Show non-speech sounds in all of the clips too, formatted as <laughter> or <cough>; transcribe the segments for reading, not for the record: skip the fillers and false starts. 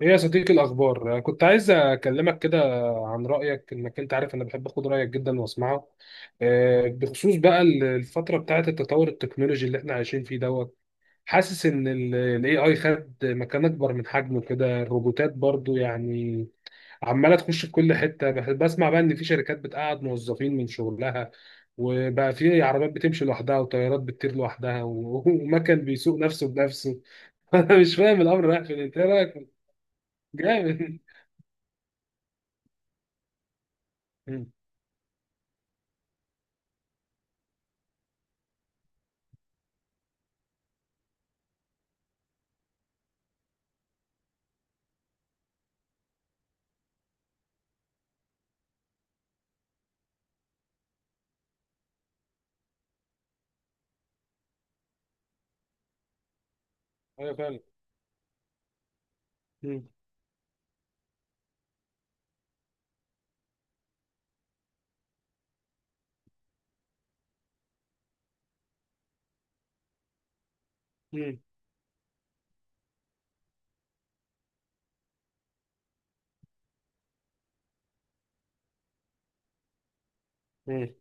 ايه يا صديقي الاخبار؟ أنا كنت عايز اكلمك كده عن رايك. انك انت عارف انا بحب اخد رايك جدا واسمعه. بخصوص بقى الفتره بتاعه التطور التكنولوجي اللي احنا عايشين فيه دوت. حاسس ان الاي اي خد مكان اكبر من حجمه كده، الروبوتات برضو يعني عماله تخش في كل حته. بسمع بقى ان في شركات بتقعد موظفين من شغلها، وبقى في عربيات بتمشي لوحدها وطيارات بتطير لوحدها <laughs> ومكن بيسوق نفسه بنفسه. <laughs> انا مش فاهم الامر رايح فين، انت إيه رايك؟ جامد. <laughs> ايوه فعلا. مم. مم. مم.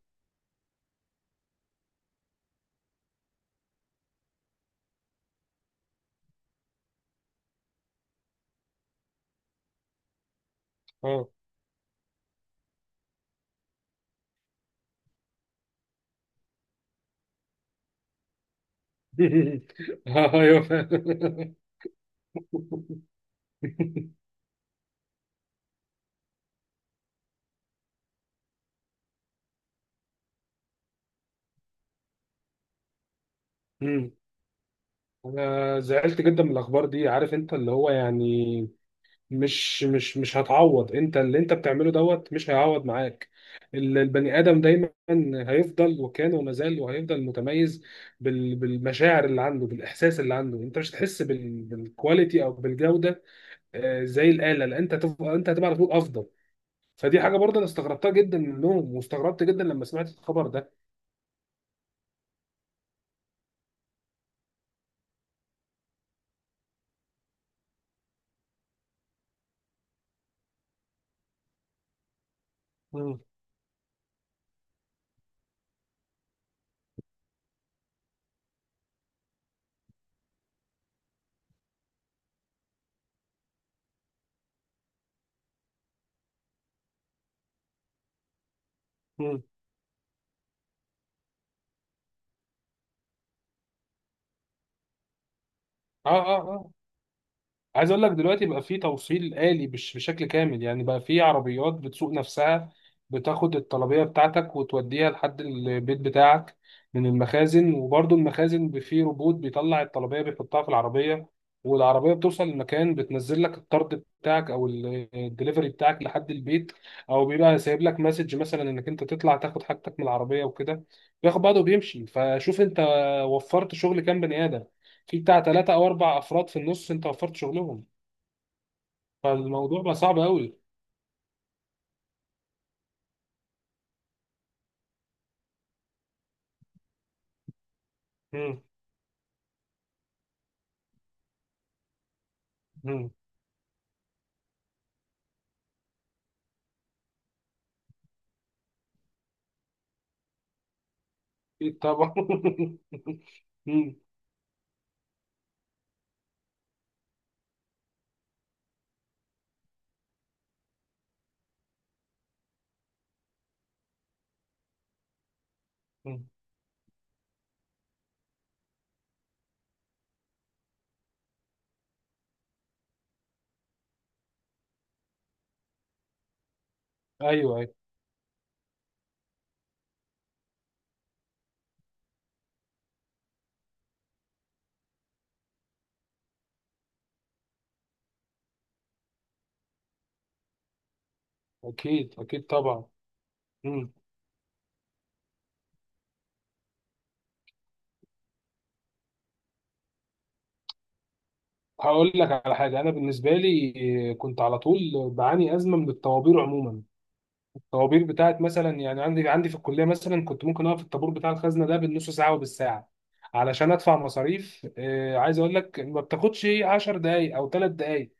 اه. <laughs> ايوه فعلا. مم. انا زعلت جدا من الاخبار دي. عارف انت اللي هو يعني مش هتعوض، انت اللي انت بتعمله دوت مش هيعوض معاك. البني ادم دايما هيفضل، وكان وما زال وهيفضل متميز بالمشاعر اللي عنده، بالاحساس اللي عنده. انت مش هتحس بالكواليتي او بالجوده زي الاله، لان انت انت هتبقى على طول افضل. فدي حاجه برضه انا استغربتها جدا منهم، واستغربت جدا لما سمعت الخبر ده. مم. مم. اه اه اه. عايز اقول لك دلوقتي بقى في توصيل آلي بشكل كامل، يعني بقى في عربيات بتسوق نفسها، بتاخد الطلبية بتاعتك وتوديها لحد البيت بتاعك من المخازن. وبرضه المخازن في روبوت بيطلع الطلبية بيحطها في العربية، والعربية بتوصل المكان، بتنزل لك الطرد بتاعك او الدليفري بتاعك لحد البيت، او بيبقى سايب لك مسج مثلا انك انت تطلع تاخد حاجتك من العربية وكده، بياخد بعضه وبيمشي. فشوف انت وفرت شغل كام بني آدم؟ في بتاع ثلاثة او اربع افراد في النص انت وفرت شغلهم. فالموضوع بقى صعب قوي. امم. امم. اكيد طبعا. <laughs> امم. أمم. ايوه ايوه. اكيد اكيد طبعا. امم. هقول لك على حاجه. انا بالنسبه لي كنت على طول بعاني ازمه من الطوابير عموما. الطوابير بتاعت مثلا يعني عندي في الكليه مثلا، كنت ممكن اقف في الطابور بتاع الخزنه ده بالنص ساعه وبالساعه علشان ادفع مصاريف. عايز اقول لك، ما بتاخدش 10 دقائق او 3 دقائق.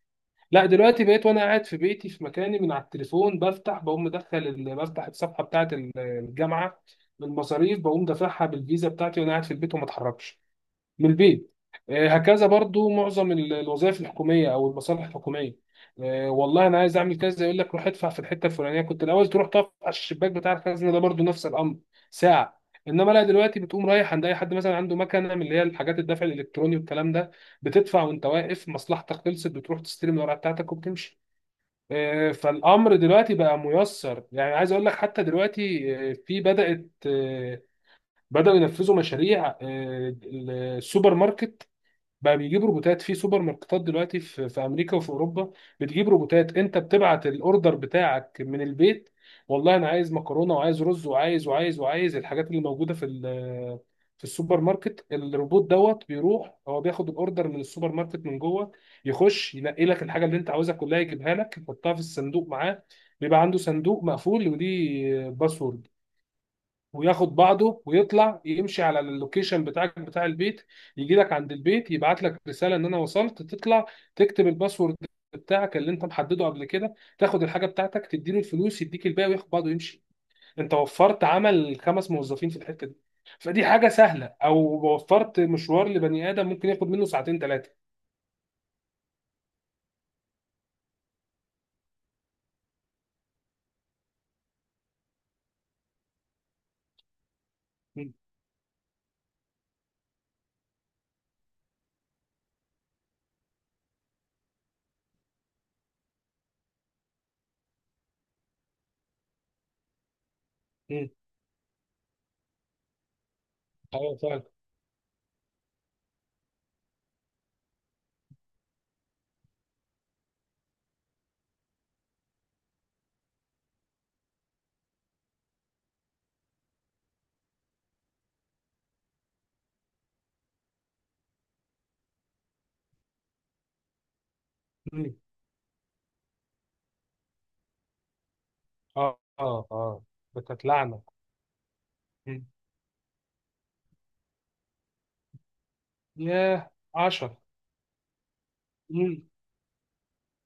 لا دلوقتي بقيت وانا قاعد في بيتي في مكاني من على التليفون، بفتح بقوم مدخل بفتح الصفحه بتاعه الجامعه بالمصاريف، بقوم دافعها بالفيزا بتاعتي وانا قاعد في البيت وما اتحركش من البيت. هكذا برضو معظم الوظائف الحكوميه او المصالح الحكوميه. والله انا عايز اعمل كذا، يقول لك روح ادفع في الحته الفلانيه. كنت الاول تروح تقف على الشباك بتاع الخزنه ده برضو نفس الامر، ساعه. انما لا دلوقتي بتقوم رايح عند اي حد مثلا عنده مكنه من اللي هي الحاجات الدفع الالكتروني والكلام ده، بتدفع وانت واقف، مصلحتك خلصت، بتروح تستلم الورقه بتاعتك وبتمشي. فالامر دلوقتي بقى ميسر، يعني عايز اقول لك حتى دلوقتي في بدات آه، بداوا ينفذوا مشاريع السوبر ماركت. بقى بيجيب روبوتات في سوبر ماركتات دلوقتي في امريكا وفي اوروبا، بتجيب روبوتات. انت بتبعت الاوردر بتاعك من البيت: والله انا عايز مكرونه وعايز رز وعايز وعايز الحاجات اللي موجوده في في السوبر ماركت. الروبوت دوت بيروح هو، بياخد الاوردر من السوبر ماركت من جوه، يخش ينقي لك الحاجه اللي انت عاوزها كلها، يجيبها لك يحطها في الصندوق معاه. بيبقى عنده صندوق مقفول وليه باسورد، وياخد بعضه ويطلع يمشي على اللوكيشن بتاعك بتاع البيت، يجي لك عند البيت، يبعت لك رسالة ان انا وصلت، تطلع تكتب الباسورد بتاعك اللي انت محدده قبل كده، تاخد الحاجة بتاعتك، تديله الفلوس يديك الباقي وياخد بعضه ويمشي. انت وفرت عمل 5 موظفين في الحتة دي. فدي حاجة سهلة او وفرت مشوار لبني آدم ممكن ياخد منه ساعتين 3. مم. مم. ايوه فعلا. مم. اه اه اه. بتتلعنى. مم. ياه 10.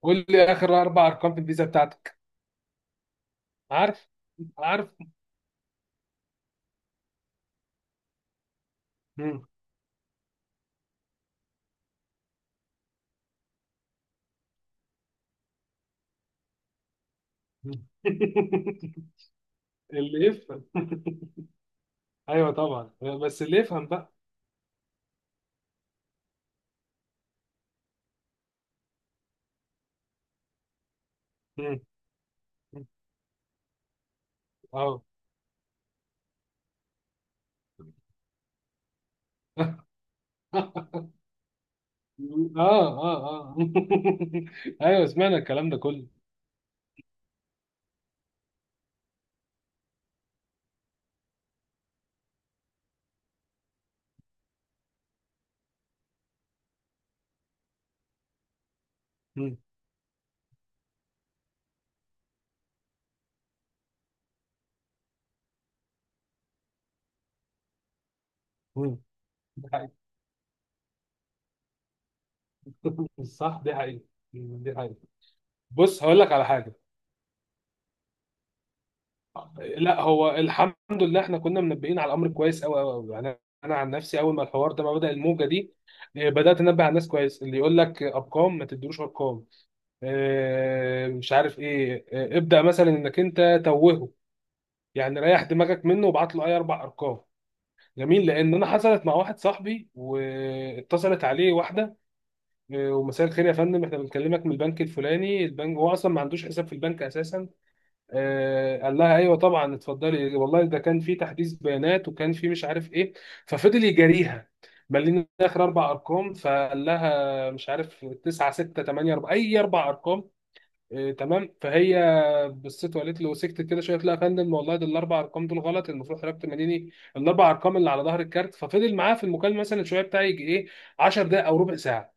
قول لي اخر 4 ارقام في الفيزا بتاعتك. عارف. عارف. مم. مم. <laughs> اللي يفهم. ايوه طبعا، بس اللي يفهم بقى. مم. مم. اه. <laughs> اه اه اه. <laughs> ايوه سمعنا الكلام ده كله. مم. مم. ده حقيقي. <laughs> صح، دي حقيقة. دي حقيقة. بص هقول لك على حاجة. لا هو الحمد لله احنا كنا منبهين على الامر كويس، قوي قوي قوي يعني. انا عن نفسي اول ما الحوار ده ما بدأ الموجة دي، بدأت انبه على الناس كويس. اللي يقول لك ارقام ما تديلوش ارقام، مش عارف ايه، ابدأ مثلا انك انت توهه يعني، ريح دماغك منه وابعت له اي 4 ارقام. جميل. لان انا حصلت مع واحد صاحبي، واتصلت عليه واحده، ومساء الخير يا فندم احنا بنكلمك من البنك الفلاني. البنك هو اصلا ما عندوش حساب في البنك اساسا. قال لها ايوه طبعا اتفضلي، والله ده كان في تحديث بيانات وكان في مش عارف ايه. ففضل يجاريها. ملينا اخر 4 ارقام، فقال لها مش عارف 9 6 8 4، اي 4 ارقام. تمام. فهي بصيت وقالت له سكت كده شويه، قلت لها يا فندم والله ده الـ4 ارقام دول غلط، المفروض حضرتك تمديني الـ4 ارقام اللي على ظهر الكارت. ففضل معاه في المكالمه مثلا شويه بتاع، يجي ايه 10 دقائق او ربع ساعه.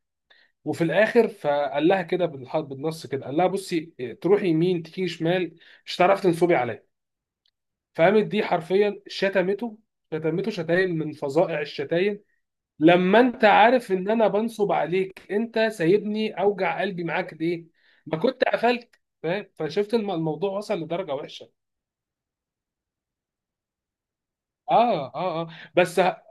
وفي الاخر فقال لها كده بالنص كده قال لها بصي، تروحي يمين تيجي شمال مش هتعرفي تنصبي عليا. فقامت دي حرفيا شتمته، شتمته شتايم من فظائع الشتايم. لما انت عارف ان انا بنصب عليك، انت سايبني اوجع قلبي معاك ليه؟ ما كنت قفلت. فاهم؟ فشفت الموضوع وصل لدرجه وحشه. اه اه اه. بس ه-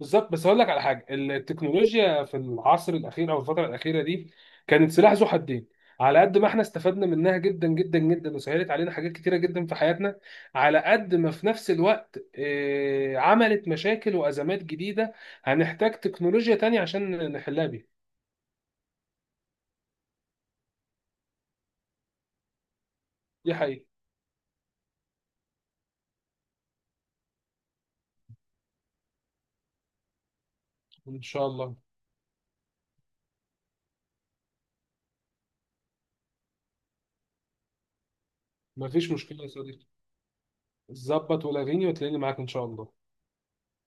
بالظبط. بس هقول لك على حاجه، التكنولوجيا في العصر الاخير او الفتره الاخيره دي كانت سلاح ذو حدين. على قد ما احنا استفدنا منها جدا جدا جدا وسهلت علينا حاجات كتيره جدا في حياتنا، على قد ما في نفس الوقت عملت مشاكل وازمات جديده هنحتاج تكنولوجيا تانية عشان نحلها بيها. دي حقيقة. ان شاء الله. مفيش مشكله يا صديقي. ظبط ولاغيني وتلاقيني معاك ان شاء الله.